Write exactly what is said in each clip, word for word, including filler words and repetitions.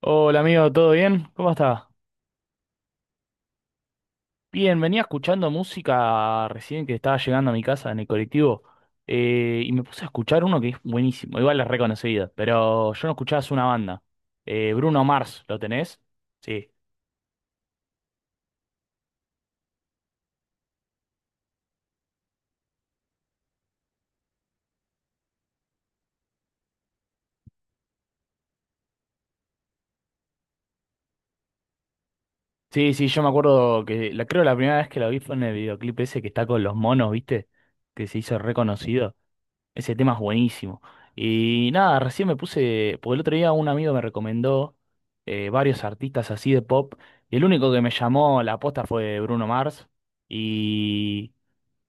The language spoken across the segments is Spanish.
Hola amigo, ¿todo bien? ¿Cómo estás? Bien, venía escuchando música recién que estaba llegando a mi casa en el colectivo eh, y me puse a escuchar uno que es buenísimo, igual es reconocido, pero yo no escuchaba, es una banda. Eh, Bruno Mars, ¿lo tenés? Sí. Sí, sí, yo me acuerdo que la, creo la primera vez que lo vi fue en el videoclip ese que está con los monos, ¿viste? Que se hizo reconocido. Ese tema es buenísimo. Y nada, recién me puse, porque el otro día un amigo me recomendó eh, varios artistas así de pop, y el único que me llamó la aposta fue Bruno Mars, y,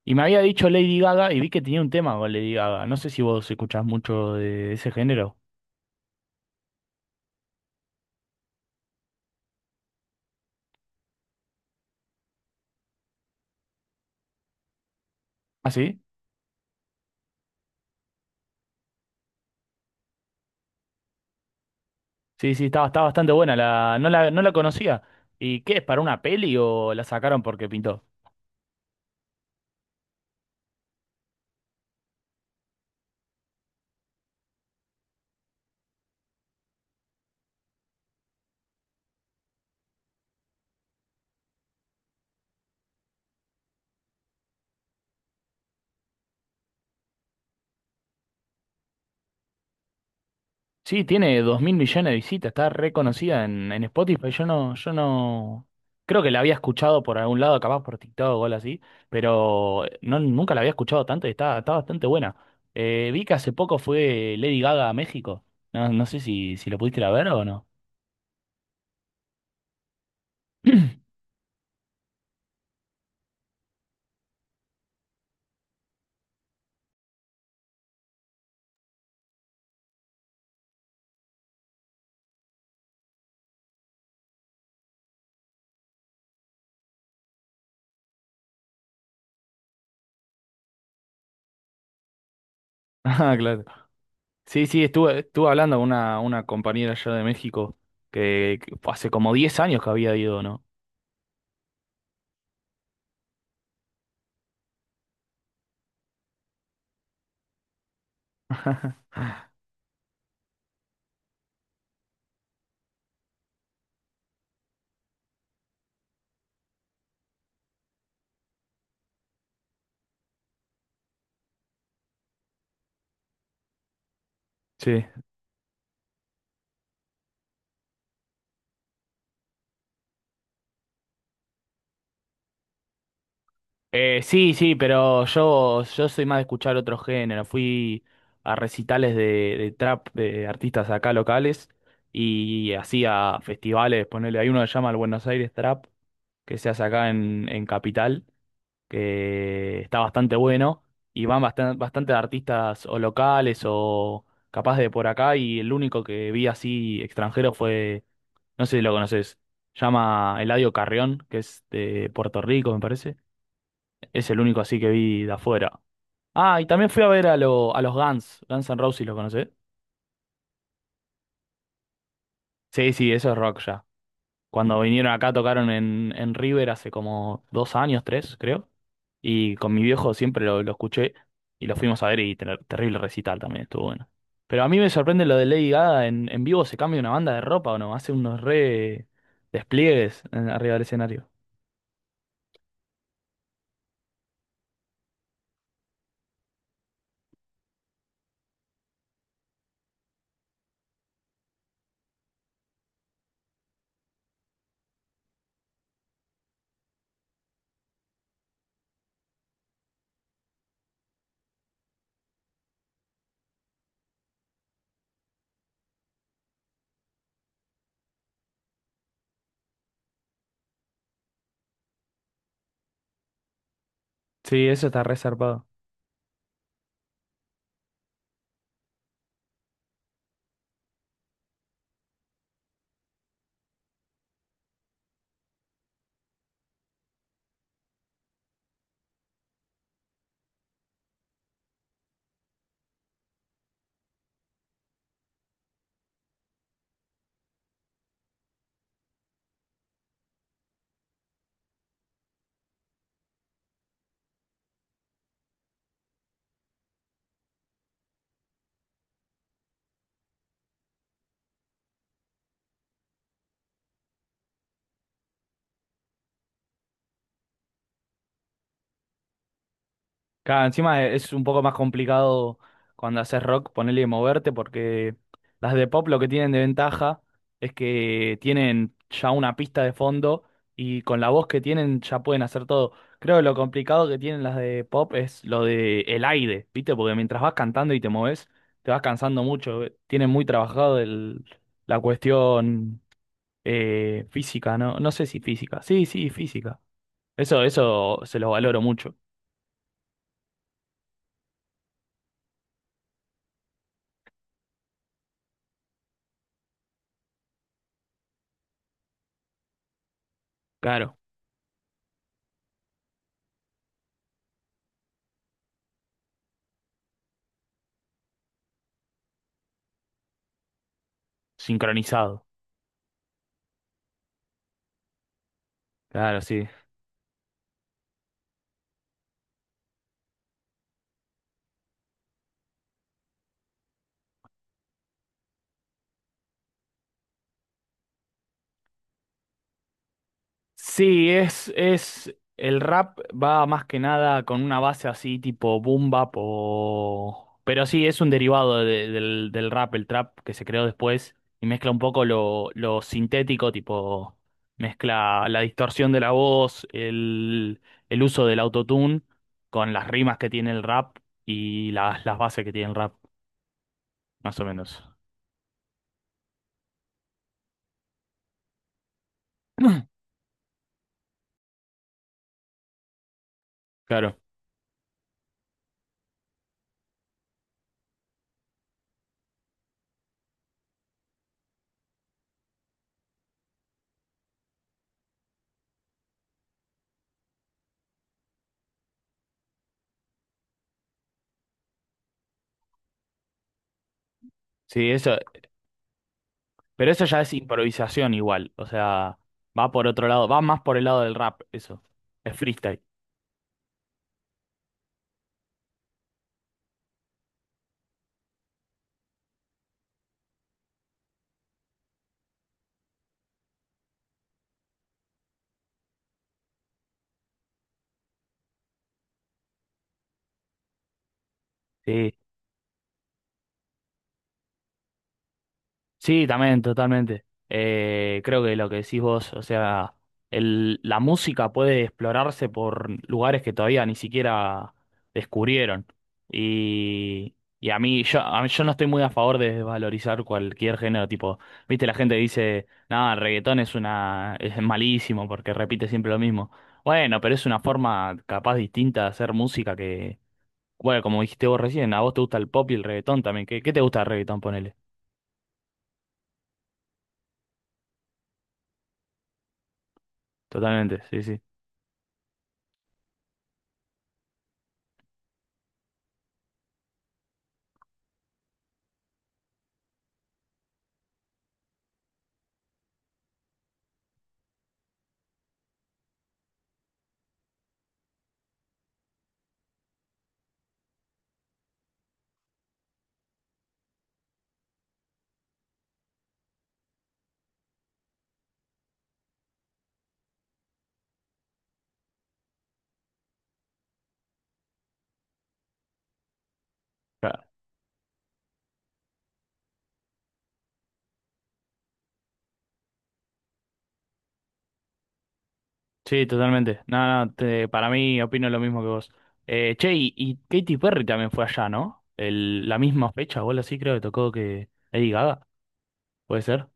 y me había dicho Lady Gaga, y vi que tenía un tema con Lady Gaga. No sé si vos escuchás mucho de ese género. ¿Ah, sí? Sí, sí, está, está bastante buena, la, no la, no la conocía. ¿Y qué es, para una peli o la sacaron porque pintó? Sí, tiene dos mil millones de visitas, está reconocida en, en Spotify. Yo no, yo no. Creo que la había escuchado por algún lado, capaz por TikTok o algo así, pero eh, no, nunca la había escuchado tanto y está, está bastante buena. Eh, vi que hace poco fue Lady Gaga a México. No, no sé si, si lo pudiste ir a ver o no. Ah, claro. Sí, sí, estuve, estuve hablando con una, una compañera allá de México que, que hace como diez años que había ido, ¿no? Sí. Eh, sí, sí, pero yo, yo soy más de escuchar otro género. Fui a recitales de, de trap de artistas acá locales y así a festivales, ponele, hay uno que se llama el Buenos Aires Trap, que se hace acá en, en Capital, que está bastante bueno y van bastante, bastante artistas o locales o capaz de por acá y el único que vi así extranjero fue, no sé si lo conoces, llama Eladio Carrión, que es de Puerto Rico, me parece. Es el único así que vi de afuera. Ah, y también fui a ver a, lo- a los Guns. Guns N' Roses, ¿lo conocés? Sí, sí, eso es rock ya. Cuando vinieron acá tocaron en, en River hace como dos años, tres, creo. Y con mi viejo siempre lo, lo escuché y lo fuimos a ver y ter- terrible recital también, estuvo bueno. Pero a mí me sorprende lo de Lady Gaga en, en vivo, se cambia una banda de ropa o no, hace unos re despliegues en- arriba del escenario. Sí, eso está re zarpado. Claro, encima es un poco más complicado cuando haces rock ponerle y moverte porque las de pop lo que tienen de ventaja es que tienen ya una pista de fondo y con la voz que tienen ya pueden hacer todo. Creo que lo complicado que tienen las de pop es lo de el aire, ¿viste? Porque mientras vas cantando y te moves, te vas cansando mucho. Tienen muy trabajado el- la cuestión eh, física, ¿no? No sé si física. Sí, sí, física. Eso, eso se lo valoro mucho. Claro, sincronizado. Claro, sí. Sí, es, es, el rap va más que nada con una base así tipo boom bap o... Pero sí, es un derivado de- del, del rap, el trap que se creó después y mezcla un poco lo, lo sintético, tipo mezcla la distorsión de la voz, el, el uso del autotune con las rimas que tiene el rap y las, las bases que tiene el rap, más o menos. Claro. Sí, eso. Pero eso ya es improvisación igual, o sea, va por otro lado, va más por el lado del rap, eso. Es freestyle. Sí. Sí, también, totalmente. Eh, creo que lo que decís vos, o sea, el, la música puede explorarse por lugares que todavía ni siquiera descubrieron. Y, y a mí, yo, a mí- yo no estoy muy a favor de desvalorizar cualquier género, tipo, viste, la gente dice, nada, el reggaetón es una, es malísimo porque repite siempre lo mismo. Bueno, pero es una forma capaz distinta de hacer música que, bueno, como dijiste vos recién, a vos te gusta el pop y el reggaetón también. ¿Qué, qué te gusta el reggaetón, ponele? Totalmente, sí, sí. Claro. Sí, totalmente. No, no, te- para mí opino lo mismo que vos. Eh, che, y, y Katy Perry también fue allá, ¿no? El, la misma fecha, o algo así creo que tocó que Lady Gaga, ¿puede ser?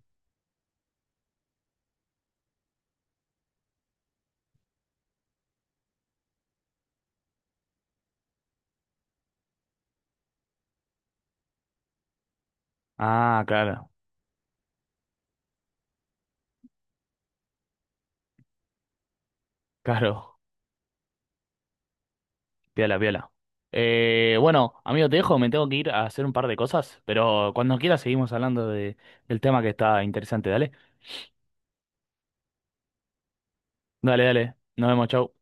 Ah, claro, claro. Piola, piola. Eh, bueno, amigo, te dejo, me tengo que ir a hacer un par de cosas, pero cuando quieras seguimos hablando de, del tema que está interesante, dale. Dale, dale. Nos vemos, chau.